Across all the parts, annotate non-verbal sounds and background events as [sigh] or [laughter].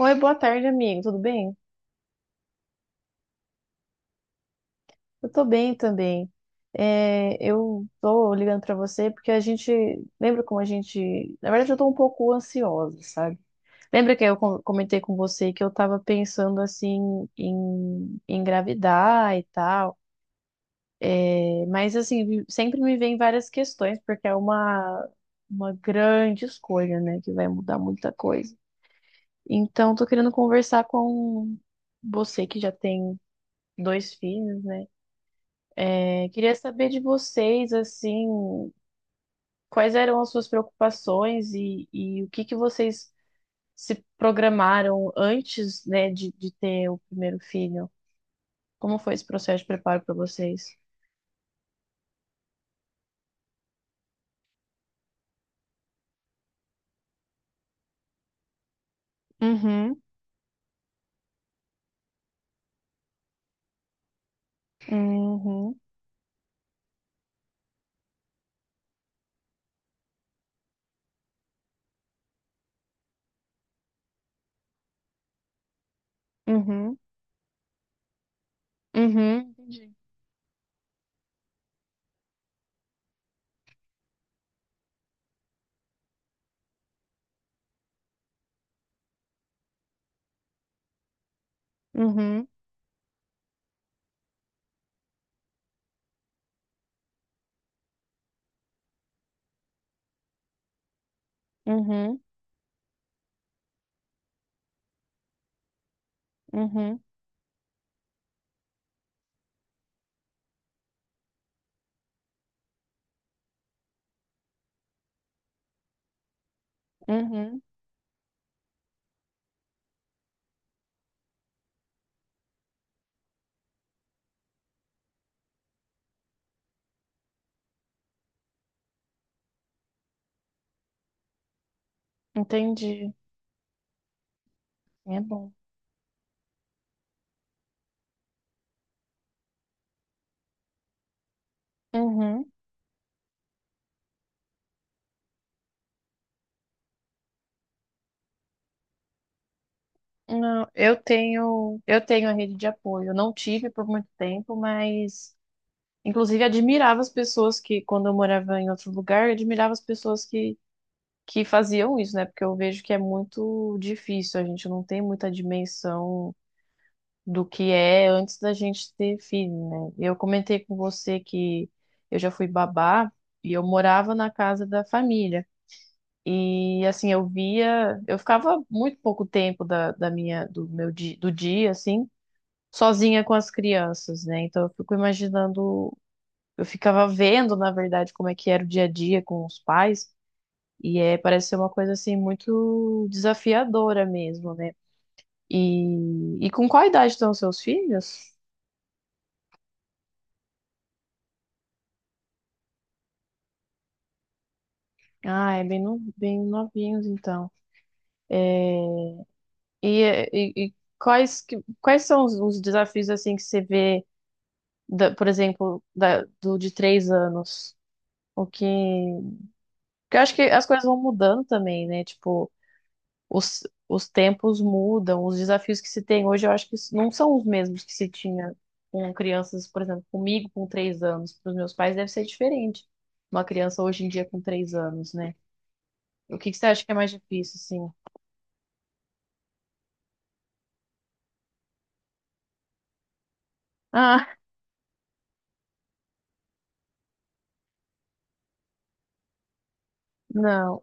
Oi, boa tarde, amigo. Tudo bem? Eu tô bem também. É, eu tô ligando pra você porque a gente lembra como a gente, na verdade, eu tô um pouco ansiosa, sabe? Lembra que eu comentei com você que eu tava pensando assim em engravidar e tal. É, mas assim, sempre me vem várias questões porque é uma grande escolha, né, que vai mudar muita coisa. Então, tô querendo conversar com você que já tem dois filhos, né? Eu queria saber de vocês, assim, quais eram as suas preocupações e o que que vocês se programaram antes, né, de ter o primeiro filho? Como foi esse processo de preparo para vocês? Uhum, uhum, uhum, uhum. Entendi. Uhum, uhum, uhum, uhum. Entendi. É bom. Uhum. Não, eu tenho a rede de apoio. Eu não tive por muito tempo, mas inclusive, admirava as pessoas que, quando eu morava em outro lugar, eu admirava as pessoas que faziam isso, né? Porque eu vejo que é muito difícil, a gente não tem muita dimensão do que é antes da gente ter filho, né? Eu comentei com você que eu já fui babá e eu morava na casa da família. E assim, eu via, eu ficava muito pouco tempo da minha, do dia, assim, sozinha com as crianças, né? Então eu fico imaginando eu ficava vendo, na verdade, como é que era o dia a dia com os pais, e é, parece ser uma coisa assim muito desafiadora mesmo, né? E com qual idade estão os seus filhos? Ah, é bem, no, bem novinhos, então. É. E, e quais, quais são os desafios assim que você vê, por exemplo, da- do de 3 anos? O que. Porque eu acho que as coisas vão mudando também, né? Tipo, os tempos mudam, os desafios que se tem hoje, eu acho que não são os mesmos que se tinha com crianças, por exemplo, comigo com 3 anos, para os meus pais deve ser diferente. Uma criança hoje em dia com 3 anos, né? O que que você acha que é mais difícil, assim? Ah, [laughs] não,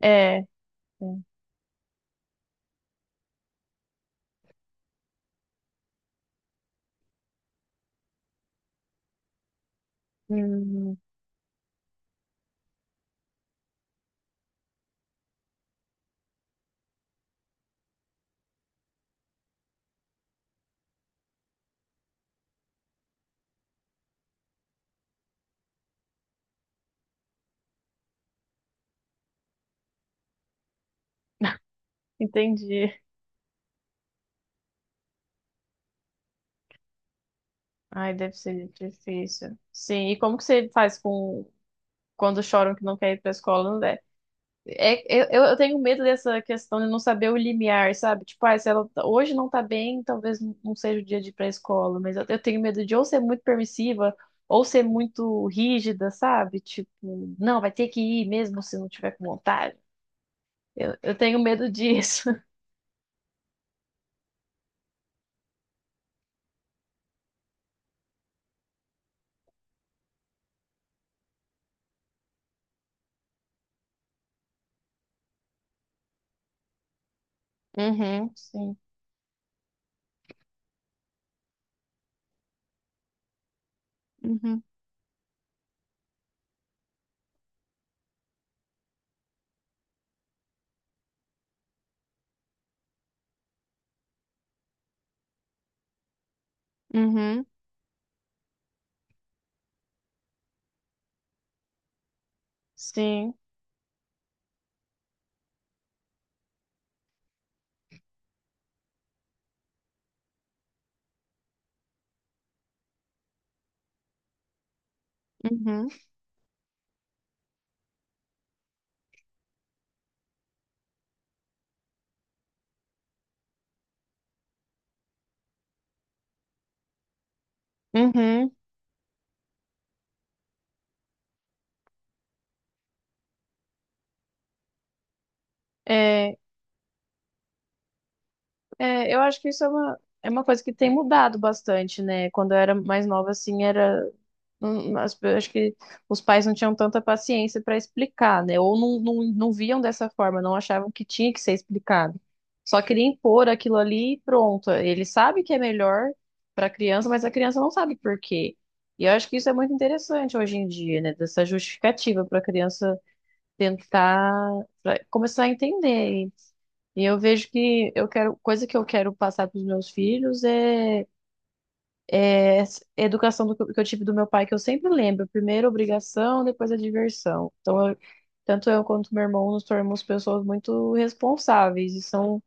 é. É. Hum, Entendi. Ai, deve ser difícil. Sim, e como que você faz com quando choram que não quer ir para a escola? É, eu tenho medo dessa questão de não saber o limiar, sabe? Tipo, ah, se ela tá- hoje não tá bem, talvez não seja o dia de ir pra escola, mas eu tenho medo de ou ser muito permissiva ou ser muito rígida, sabe? Tipo, não, vai ter que ir mesmo se não tiver com vontade. Eu tenho medo [laughs] disso. Uhum. Sim, uhum, uhum, sim. Uhum, uhum. É, é, eu acho que isso é uma coisa que tem mudado bastante, né? Quando eu era mais nova, assim, era. Acho que os pais não tinham tanta paciência para explicar, né? Ou não viam dessa forma, não achavam que tinha que ser explicado. Só queria impor aquilo ali e pronto. Ele sabe que é melhor para a criança, mas a criança não sabe por quê. E eu acho que isso é muito interessante hoje em dia, né? Dessa justificativa para a criança tentar pra começar a entender. E eu vejo que coisa que eu quero passar para os meus filhos é, a educação do, que eu tive do meu pai, que eu sempre lembro. Primeiro a obrigação, depois a diversão. Então, tanto eu quanto meu irmão nos tornamos pessoas muito responsáveis. E são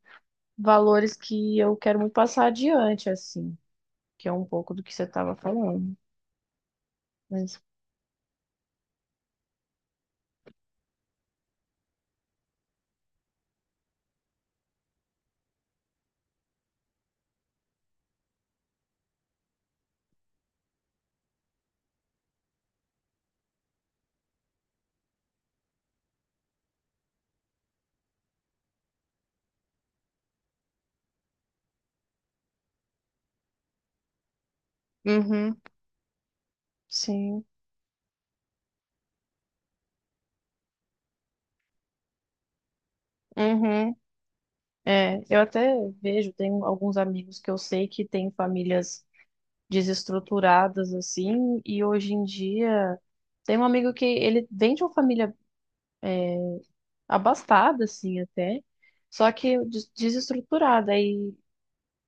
valores que eu quero muito passar adiante, assim. Que é um pouco do que você estava falando. Mas, uhum, sim, uhum. É, eu até vejo, tenho alguns amigos que eu sei que têm famílias desestruturadas, assim. E hoje em dia... Tem um amigo que ele vem de uma família abastada, assim, até. Só que desestruturada. Aí,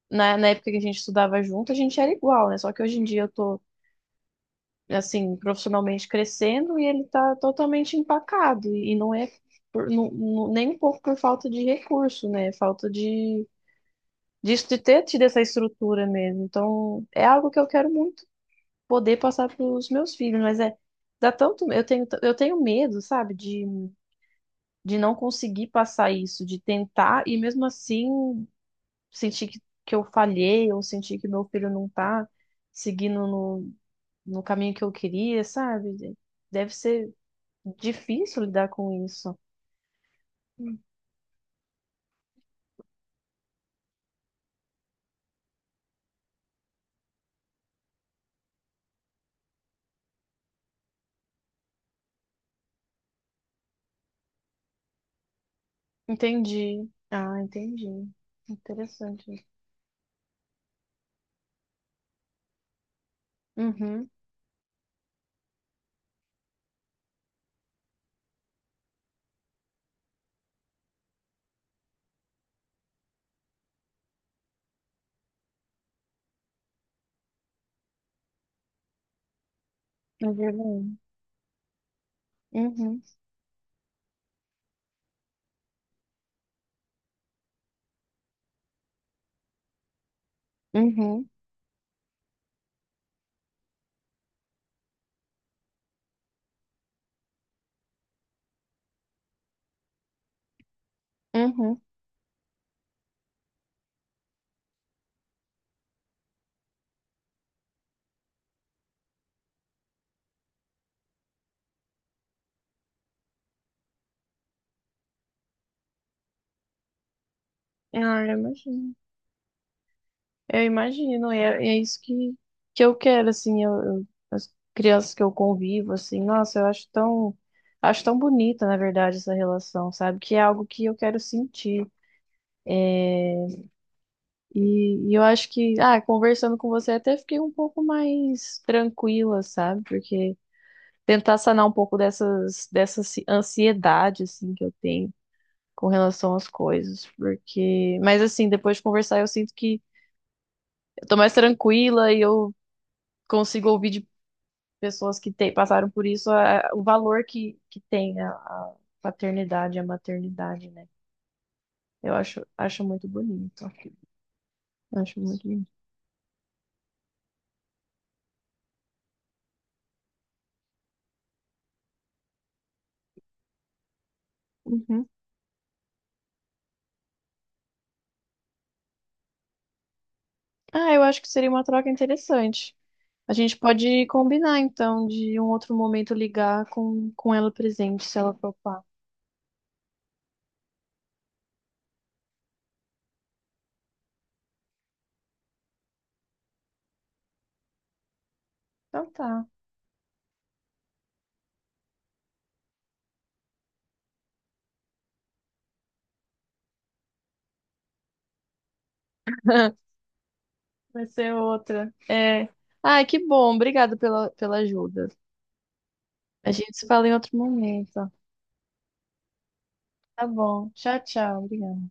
na época que a gente estudava junto, a gente era igual, né? Só que hoje em dia eu tô, assim, profissionalmente crescendo e ele tá totalmente empacado. E não é nem um pouco por falta de recurso, né? Falta disso, de ter tido essa estrutura mesmo. Então, é algo que eu quero muito poder passar pros meus filhos, mas é. Dá tanto, eu tenho medo, sabe, de não conseguir passar isso, de tentar e mesmo assim sentir que eu falhei, ou sentir que meu filho não tá seguindo no caminho que eu queria, sabe? Deve ser difícil lidar com isso. Entendi. Ah, entendi. Interessante. Uhum. É verdade. Uhum. Uhum. Uhum. Ah, eu imagino. Eu imagino. E é isso que eu quero, assim, as crianças que eu convivo, assim, nossa, acho tão bonita, na verdade, essa relação, sabe? Que é algo que eu quero sentir. E eu acho que, ah, conversando com você até fiquei um pouco mais tranquila, sabe? Porque tentar sanar um pouco dessas, dessa ansiedade, assim, que eu tenho com relação às coisas. Porque, mas assim, depois de conversar, eu sinto que eu tô mais tranquila e eu consigo ouvir de pessoas que passaram por isso o valor que tem a paternidade e a maternidade, né? Eu acho muito bonito. Acho muito bonito. Uhum. Ah, eu acho que seria uma troca interessante. A gente pode combinar, então, de um outro momento ligar com ela presente, se ela topar. Então tá. [laughs] Vai ser outra. É. Ai, que bom. Obrigada pela ajuda. A gente se fala em outro momento. Tá bom. Tchau, tchau. Obrigada.